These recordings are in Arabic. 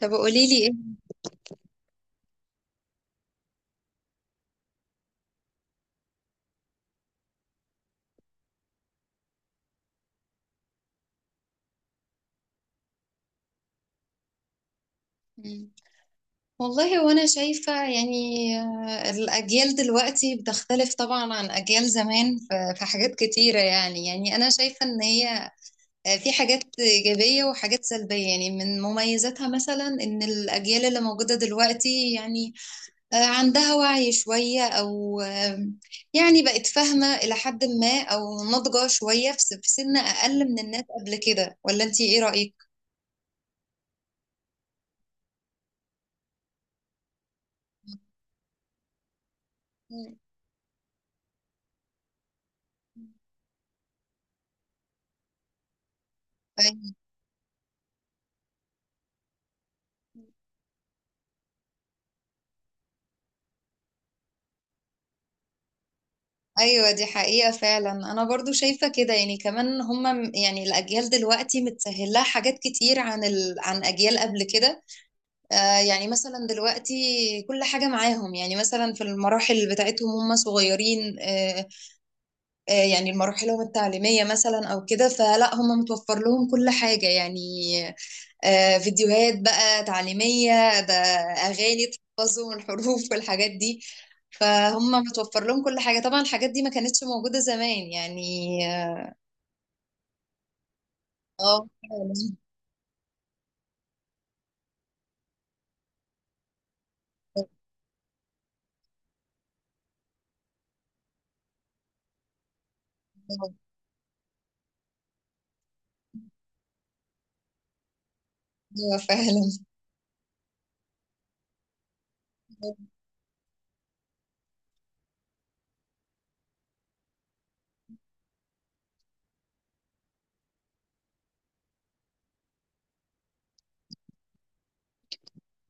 طب قولي لي ايه؟ مم. والله وانا شايفة يعني الأجيال دلوقتي بتختلف طبعا عن أجيال زمان في حاجات كتيرة يعني أنا شايفة إن هي في حاجات إيجابية وحاجات سلبية، يعني من مميزاتها مثلا إن الأجيال اللي موجودة دلوقتي يعني عندها وعي شوية أو يعني بقت فاهمة إلى حد ما أو ناضجة شوية في في سن أقل من الناس قبل كده، ولا أنتي إيه رأيك؟ مم. ايوه دي حقيقة فعلا، انا برضو شايفة كده يعني كمان هم يعني الاجيال دلوقتي متسهلها حاجات كتير عن عن اجيال قبل كده. يعني مثلا دلوقتي كل حاجة معاهم، يعني مثلا في المراحل بتاعتهم هم صغيرين يعني المراحلهم التعليمية مثلا او كده، فلا هم متوفر لهم كل حاجة يعني، فيديوهات بقى تعليمية، ده أغاني تحفظهم الحروف والحاجات دي، فهم متوفر لهم كل حاجة. طبعا الحاجات دي ما كانتش موجودة زمان يعني. اه. فعلا. فعلا.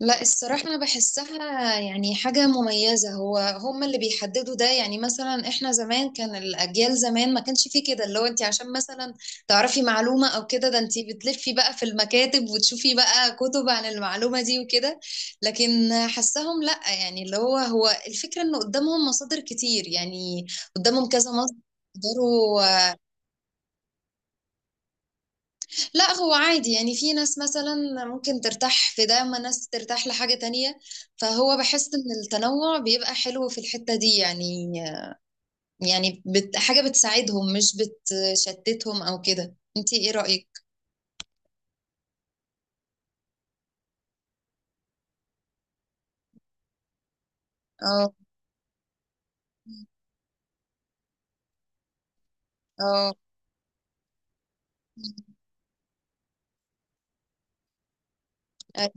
لا الصراحة أنا بحسها يعني حاجة مميزة، هو هم اللي بيحددوا ده، يعني مثلا إحنا زمان كان الأجيال زمان ما كانش فيه كده، اللي هو أنت عشان مثلا تعرفي معلومة أو كده، ده أنت بتلفي بقى في المكاتب وتشوفي بقى كتب عن المعلومة دي وكده. لكن حسهم لا، يعني اللي هو هو الفكرة إن قدامهم مصادر كتير يعني، قدامهم كذا مصدر. لا هو عادي يعني، في ناس مثلا ممكن ترتاح في ده، اما ناس ترتاح لحاجة تانية، فهو بحس ان التنوع بيبقى حلو في الحتة دي يعني. يعني بت حاجة بتساعدهم مش بتشتتهم او كده، انتي ايه رأيك؟ اه. اه. أيوة.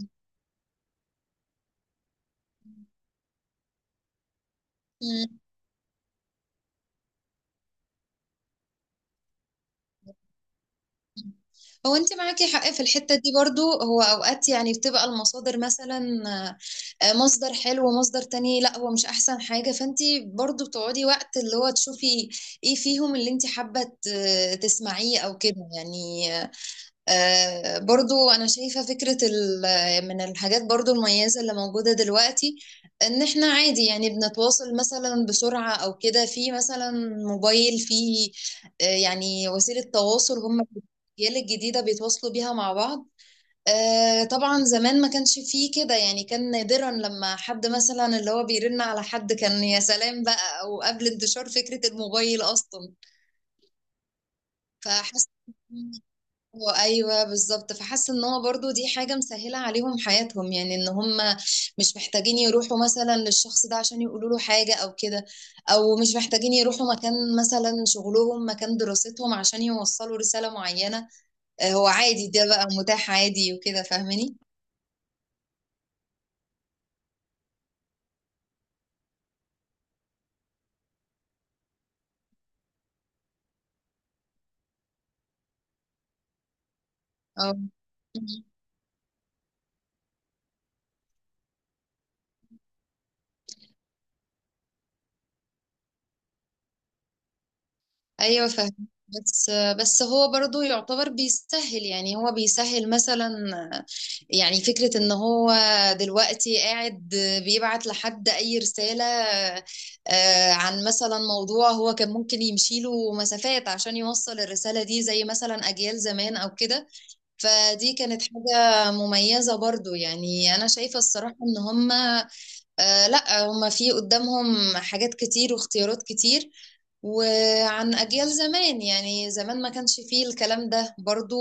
هو انت معاكي حق في الحتة دي برضو، هو اوقات يعني بتبقى المصادر مثلا مصدر حلو ومصدر تاني لا هو مش احسن حاجة، فانت برضو بتقعدي وقت اللي هو تشوفي ايه فيهم اللي انت حابة تسمعيه او كده يعني. برضو أنا شايفة فكرة من الحاجات برضو المميزة اللي موجودة دلوقتي، إن إحنا عادي يعني بنتواصل مثلا بسرعة أو كده، في مثلا موبايل في يعني وسيلة تواصل هم الأجيال الجديدة بيتواصلوا بيها مع بعض. طبعا زمان ما كانش فيه كده يعني، كان نادرا لما حد مثلا اللي هو بيرن على حد كان يا سلام بقى، أو قبل انتشار فكرة الموبايل أصلا. فحاسة هو ايوه بالظبط، فحاسه ان هو برضو دي حاجه مسهله عليهم حياتهم، يعني ان هم مش محتاجين يروحوا مثلا للشخص ده عشان يقولوا له حاجه او كده، او مش محتاجين يروحوا مكان مثلا شغلهم مكان دراستهم عشان يوصلوا رساله معينه. هو عادي ده بقى متاح عادي وكده، فاهماني؟ اه. ايوه فاهم. بس بس هو برضو يعتبر بيسهل، يعني هو بيسهل مثلا يعني فكرة ان هو دلوقتي قاعد بيبعت لحد اي رسالة عن مثلا موضوع هو كان ممكن يمشي له مسافات عشان يوصل الرسالة دي زي مثلا اجيال زمان او كده، فدي كانت حاجة مميزة برضو، يعني انا شايفة الصراحة ان هم لا هم في قدامهم حاجات كتير واختيارات كتير، وعن أجيال زمان يعني زمان ما كانش فيه الكلام ده برضو.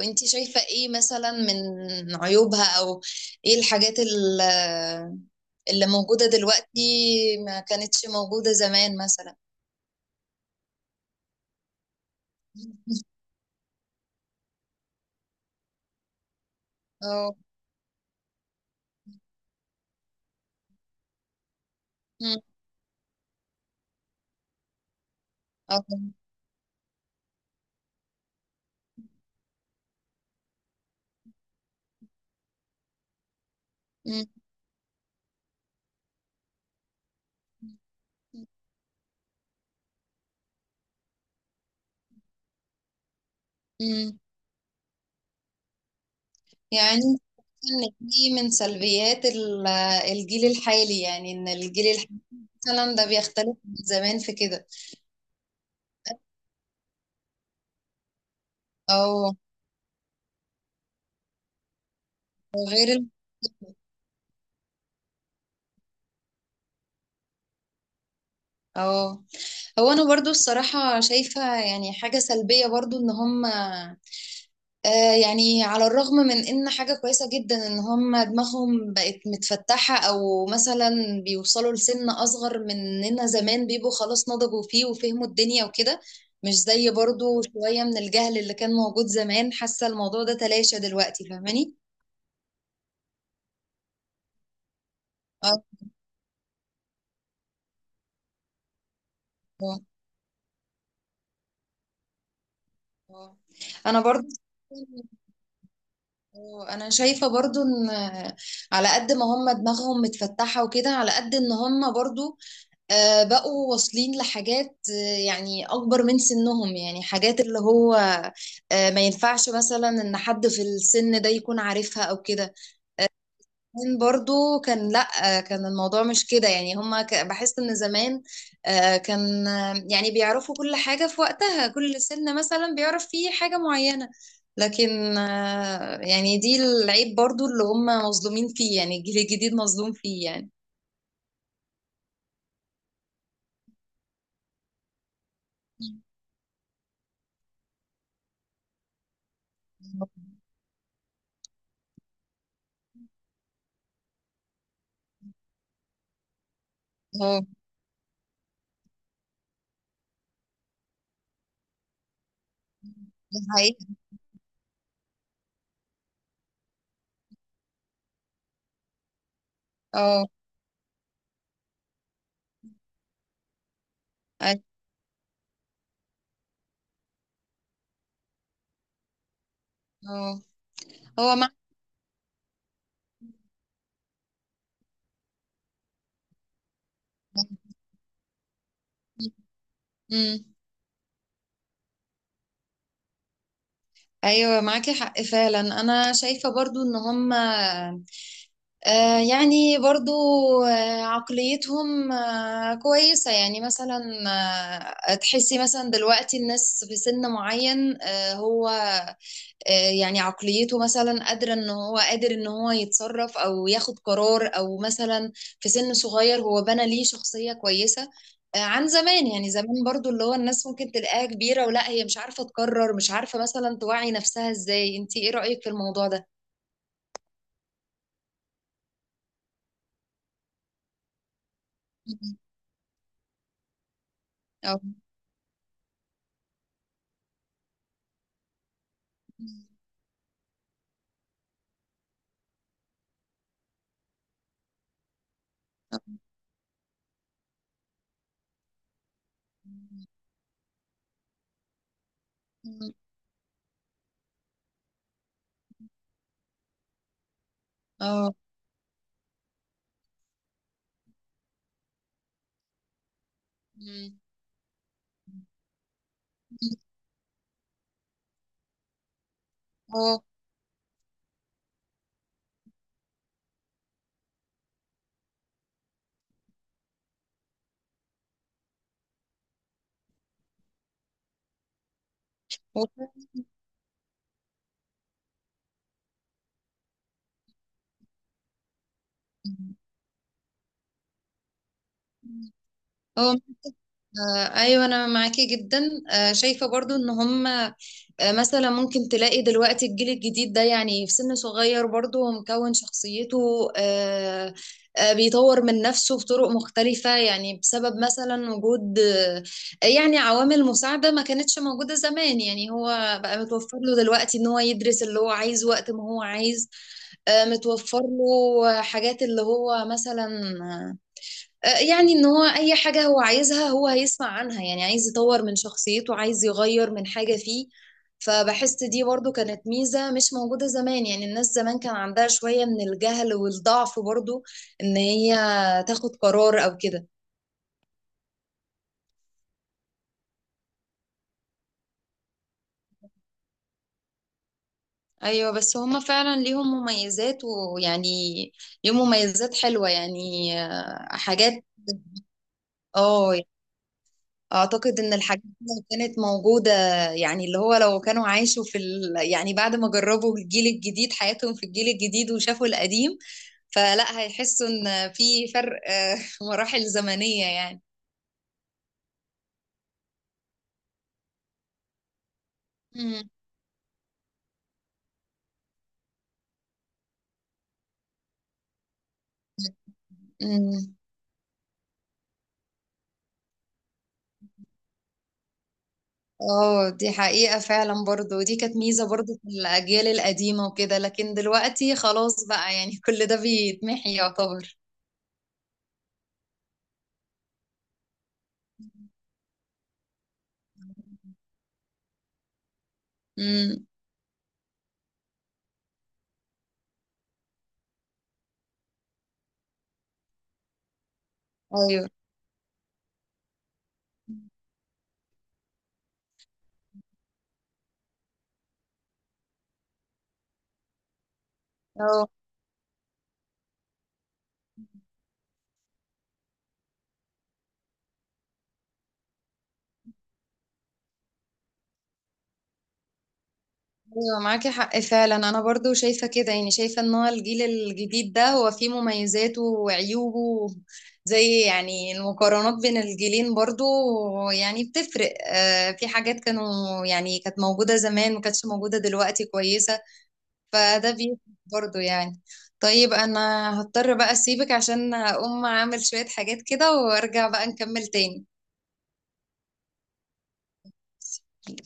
انتي شايفة ايه مثلا من عيوبها، او ايه الحاجات اللي موجودة دلوقتي ما كانتش موجودة زمان مثلا؟ اه. مم. اه. مم. مم. يعني ان دي من سلبيات الجيل الحالي، يعني ان الجيل الحالي مثلا ده بيختلف من زمان في كده، او غير ال- اه. هو انا برضو الصراحة شايفة يعني حاجة سلبية برضو ان هم يعني على الرغم من ان حاجة كويسة جدا ان هم دماغهم بقت متفتحة او مثلا بيوصلوا لسن اصغر مننا زمان بيبقوا خلاص نضجوا فيه وفهموا الدنيا وكده، مش زي برضو شوية من الجهل اللي كان موجود زمان. حاسة الموضوع ده تلاشى دلوقتي، فاهماني؟ اه. آه، آه. انا برضو شايفة برضو ان على قد ما هم دماغهم متفتحة وكده، على قد ان هم برضو بقوا واصلين لحاجات يعني اكبر من سنهم، يعني حاجات اللي هو ما ينفعش مثلا ان حد في السن ده يكون عارفها او كده. زمان برضو كان لا كان الموضوع مش كده، يعني هما بحس ان زمان كان يعني بيعرفوا كل حاجة في وقتها، كل سن مثلا بيعرف فيه حاجة معينة، لكن يعني دي العيب برضو اللي هما مظلومين فيه يعني، الجيل الجديد مظلوم فيه يعني. اه دي حقيقة. اه. أي- اه. هو مع مم. ايوه معاكي حق فعلا، انا شايفة برضو ان هما يعني برضو عقليتهم كويسة يعني، مثلا تحسي مثلا دلوقتي الناس في سن معين، هو يعني عقليته مثلا قادرة ان هو قادر ان هو يتصرف او ياخد قرار او مثلا في سن صغير هو بنى ليه شخصية كويسة عن زمان، يعني زمان برضو اللي هو الناس ممكن تلاقيها كبيرة ولا هي مش عارفة تقرر، مش عارفة مثلا توعي نفسها ازاي، انتي ايه رأيك في الموضوع ده؟ أو. مم. اه. مم. مم. اه. هو فعلاً- مم. اه. ايوه انا معاكي جدا، شايفه برضو ان هم، مثلا ممكن تلاقي دلوقتي الجيل الجديد ده يعني في سن صغير برضو ومكون شخصيته، بيطور من نفسه بطرق مختلفه يعني، بسبب مثلا وجود يعني عوامل مساعده ما كانتش موجوده زمان، يعني هو بقى متوفر له دلوقتي ان هو يدرس اللي هو عايزه وقت ما هو عايز، متوفر له حاجات اللي هو مثلا آه، يعني ان هو اي حاجة هو عايزها هو هيسمع عنها، يعني عايز يطور من شخصيته، عايز يغير من حاجة فيه، فبحس دي برضو كانت ميزة مش موجودة زمان، يعني الناس زمان كان عندها شوية من الجهل والضعف برضو ان هي تاخد قرار او كده. ايوه بس هما فعلا ليهم مميزات، ويعني ليهم مميزات حلوة يعني. حاجات. اه. اعتقد ان الحاجات دي لو كانت موجودة، يعني اللي هو لو كانوا عاشوا في يعني بعد ما جربوا الجيل الجديد حياتهم في الجيل الجديد وشافوا القديم، فلا هيحسوا ان في فرق مراحل زمنية يعني. مم. مم. اه دي حقيقة فعلا برضو، ودي كانت ميزة برضو في الأجيال القديمة وكده، لكن دلوقتي خلاص بقى، يعني كل ده بيتمحي يعتبر. امم ايوه. آه. ايوه معاكي حق فعلا، انا برضو شايفه كده يعني، شايفه ان هو الجيل الجديد ده هو فيه مميزاته وعيوبه، زي يعني المقارنات بين الجيلين برضو يعني بتفرق. في حاجات كانوا يعني كانت موجوده زمان ما كانتش موجوده دلوقتي كويسه، فده بيفرق برضو يعني. طيب انا هضطر بقى اسيبك عشان اقوم اعمل شويه حاجات كده، وارجع بقى نكمل تاني.